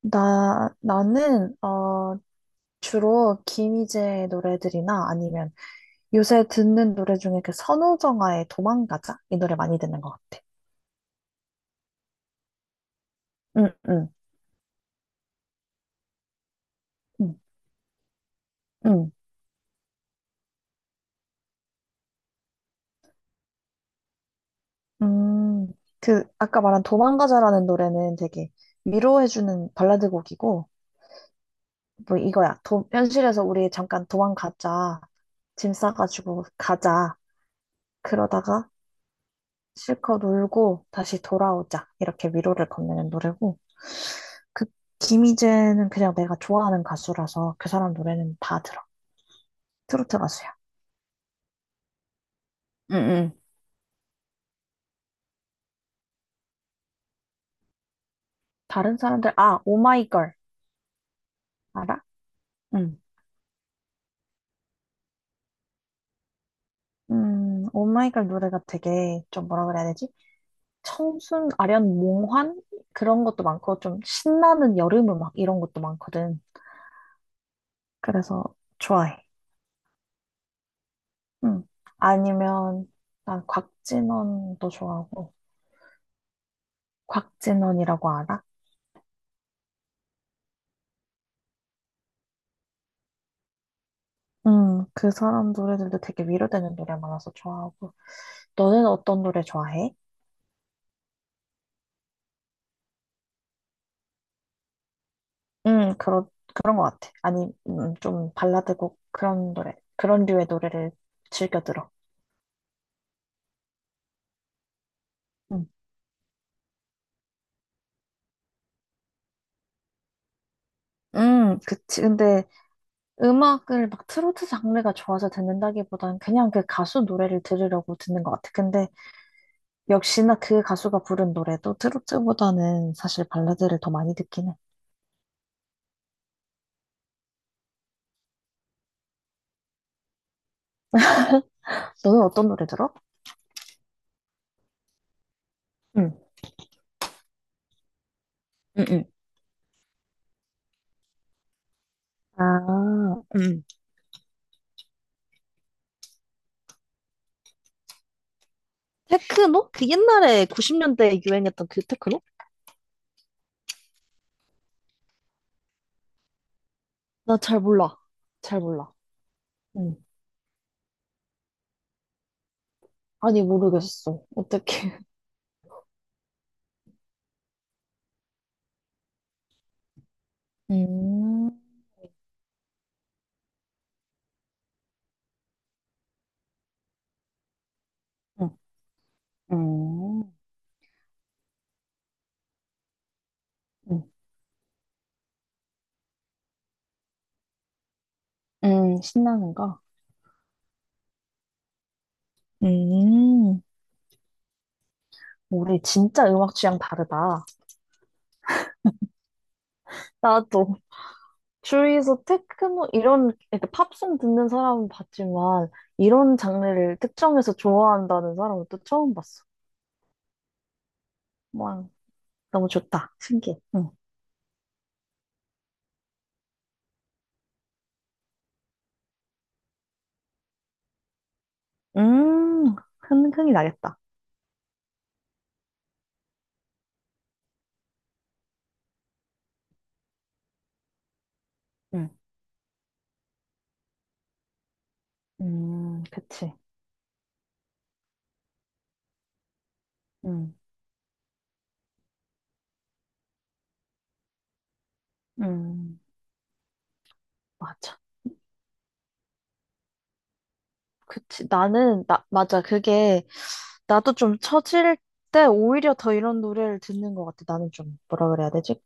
나는, 주로 김희재의 노래들이나 아니면 요새 듣는 노래 중에 그 선우정아의 도망가자? 이 노래 많이 듣는 것 같아. 응, 응, 응, 응. 음, 아까 말한 도망가자라는 노래는 되게 위로해주는 발라드 곡이고, 뭐 이거야. 현실에서 우리 잠깐 도망가자. 짐 싸가지고 가자. 그러다가 실컷 울고 다시 돌아오자. 이렇게 위로를 건네는 노래고, 그 김희재는 그냥 내가 좋아하는 가수라서 그 사람 노래는 다 들어. 트로트 가수야. 응, 다른 사람들, 아, 오마이걸. 알아? 응, 오마이걸 노래가 되게 좀 뭐라 그래야 되지? 청순, 아련, 몽환? 그런 것도 많고, 좀 신나는 여름 음악 이런 것도 많거든. 그래서 좋아해. 응. 아니면, 난 곽진원도 좋아하고, 곽진원이라고 알아? 그 사람 노래들도 되게 위로되는 노래 많아서 좋아하고. 너는 어떤 노래 좋아해? 음, 그런, 그런 것 같아. 아니, 좀 발라드곡 그런 노래, 그런 류의 노래를 즐겨 들어. 음, 그치. 근데 음악을 막 트로트 장르가 좋아서 듣는다기보단 그냥 그 가수 노래를 들으려고 듣는 것 같아. 근데 역시나 그 가수가 부른 노래도 트로트보다는 사실 발라드를 더 많이 듣긴 해. 너는 어떤 노래 들어? 응, 응, 응. 아, 응. 테크노? 그 옛날에 90년대에 유행했던 그 테크노? 나 잘 몰라. 잘 몰라. 응. 아니, 모르겠어. 어떻게. 음, 음, 음, 응, 신나는 거. 음. 우리 진짜 음악 취향 다르다. 나도 주위에서 테크노 이런 그러니까 팝송 듣는 사람은 봤지만 이런 장르를 특정해서 좋아한다는 사람은 또 처음 봤어. 와, 너무 좋다. 신기해. 응. 음, 흥이 나겠다. 그치. 음, 음, 맞아. 그치. 맞아. 그게, 나도 좀 처질 때 오히려 더 이런 노래를 듣는 것 같아. 나는 좀, 뭐라 그래야 되지?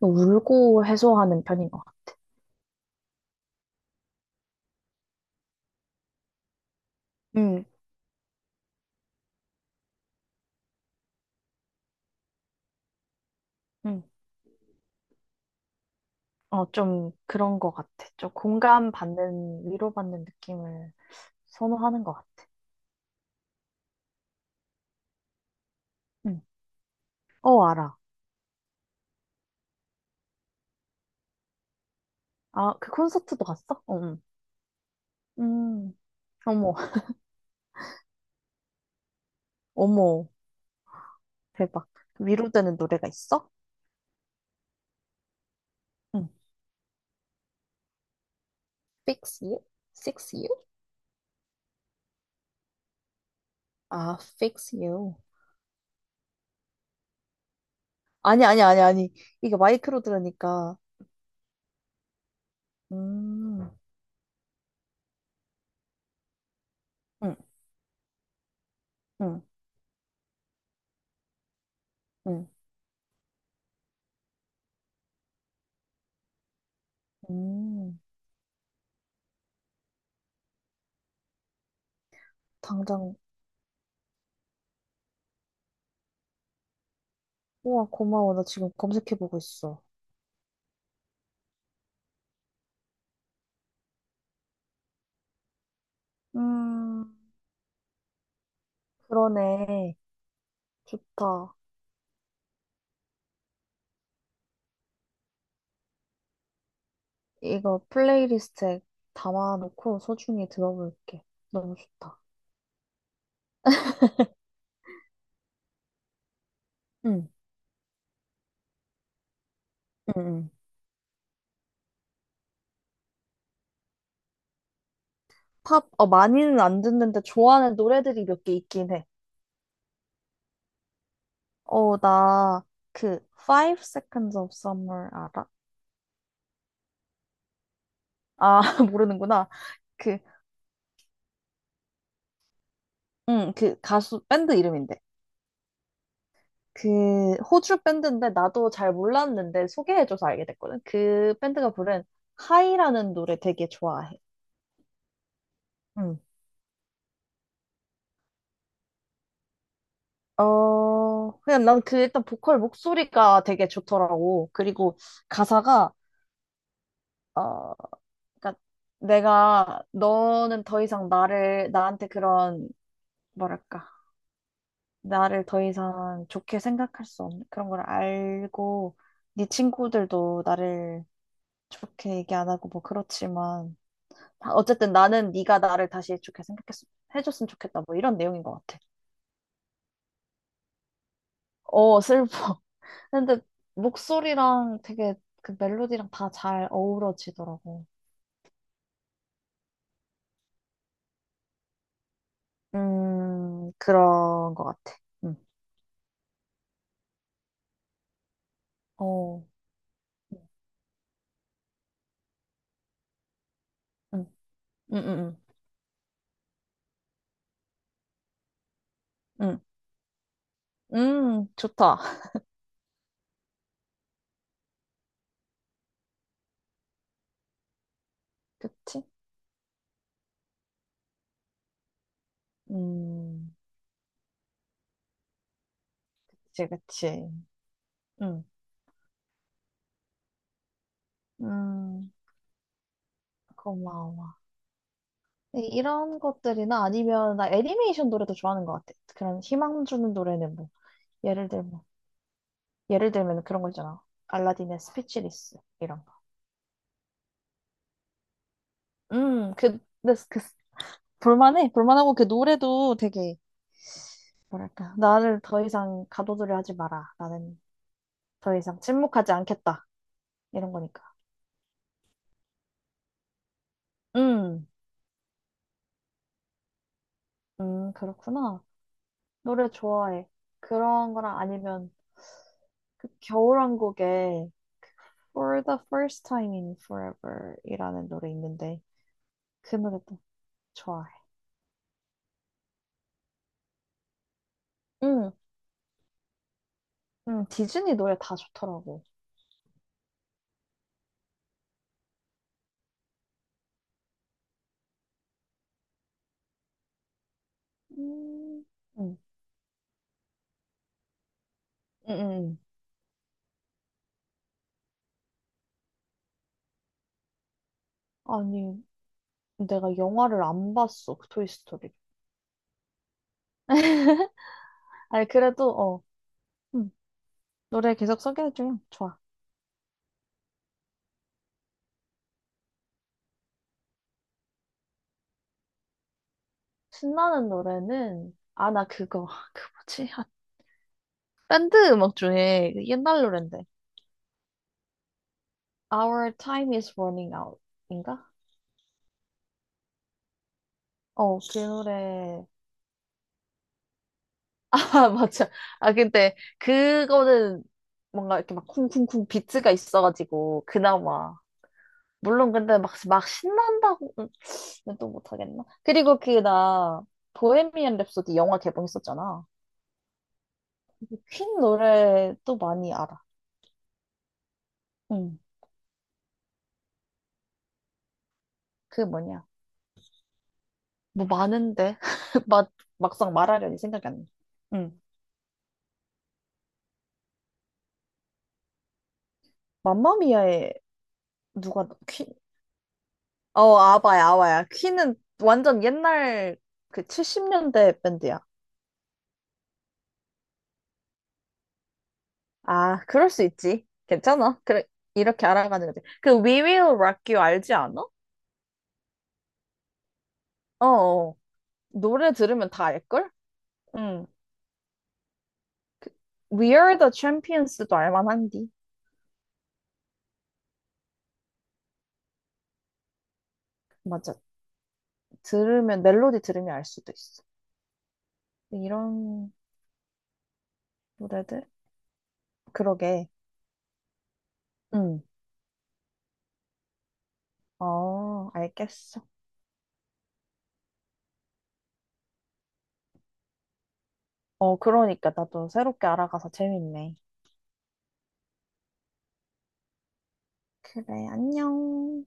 울고 해소하는 편인 것 같아. 음, 음. 어, 좀 그런 것 같아. 좀 공감받는, 위로받는 느낌을 선호하는 것 같아. 음. 어, 알아. 아, 그 콘서트도 갔어? 어, 응. 음. 어머, 어머. 대박. 위로되는 노래가 있어? 응. Fix You? Fix You? 아, Fix You. 아니, 아니, 아니, 아니. 이게 마이크로 들으니까. 음, 응, 응, 응, 음. 당장, 우와, 고마워. 나 지금 검색해보고 있어. 음, 그러네. 좋다. 이거 플레이리스트에 담아놓고 소중히 들어볼게. 너무 좋다. 응, 응, 응. 팝, 많이는 안 듣는데 좋아하는 노래들이 몇 개 있긴 해. 나, 그, Five Seconds of Summer 알아? 아, 모르는구나. 그, 응, 그 가수 밴드 이름인데. 그 호주 밴드인데 나도 잘 몰랐는데 소개해줘서 알게 됐거든. 그 밴드가 부른 하이라는 노래 되게 좋아해. 응. 그냥 난 그 일단 보컬 목소리가 되게 좋더라고. 그리고 가사가, 어, 그러니까 내가 너는 더 이상 나를, 나한테 그런, 뭐랄까, 나를 더 이상 좋게 생각할 수 없는 그런 걸 알고, 네 친구들도 나를 좋게 얘기 안 하고 뭐 그렇지만 어쨌든 나는 네가 나를 다시 좋게 생각했 해줬으면 좋겠다 뭐 이런 내용인 것 같아. 어 슬퍼. 근데 목소리랑 되게 그 멜로디랑 다 잘 어우러지더라고. 그런 것 같아. 응. 어. 응. 응. 응. 응. 응. 좋다. 그치? 음 그치 그치. 응. 음 고마워. 네, 이런 것들이나 아니면 나 애니메이션 노래도 좋아하는 것 같아. 그런 희망 주는 노래는 뭐 예를 들면 그런 거 있잖아. 알라딘의 스피치리스 이런 거. 근데 그 볼만해. 볼만하고 그 노래도 되게 뭐랄까 나를 더 이상 가둬두려 하지 마라. 나는 더 이상 침묵하지 않겠다. 이런 거니까. 음, 그렇구나. 노래 좋아해. 그런 거랑 아니면 그 겨울왕국에 For the First Time in Forever 이라는 노래 있는데 그 노래도 좋아해. 응, 응, 디즈니 노래 다 좋더라고. 음, 응, 응, 응. 아니, 내가 영화를 안 봤어, 그 토이스토리. 아니, 그래도, 응, 노래 계속 소개해주면 좋아. 신나는 노래는, 아, 나 그거, 그 뭐지? 아, 밴드 음악 중에 그 옛날 노랜데. Our Time Is Running Out. 인가? 어, 그 노래. 아, 맞아. 아, 근데, 그거는 뭔가 이렇게 막 쿵쿵쿵 비트가 있어가지고, 그나마. 물론 근데 막 신난다고 또 못하겠나? 그리고 그 나 보헤미안 랩소디 영화 개봉했었잖아. 퀸 노래 또 많이 알아. 응. 그 뭐냐? 뭐 많은데 막 막상 말하려니 생각이 안 나. 응. 맘마미아에 누가 퀸? 어 아바야 아바야. 퀸은 완전 옛날 그 70년대 밴드야. 아 그럴 수 있지. 괜찮아. 그래 이렇게 알아가는 거지. 그 We Will Rock You 알지 않아? 어. 어. 노래 들으면 다 알걸? 응. 그, We Are the Champions도 알만한디. 맞아. 들으면, 멜로디 들으면 알 수도 있어. 이런 노래들? 그러게. 응. 어, 알겠어. 어, 그러니까 나도 새롭게 알아가서 재밌네. 그래, 안녕.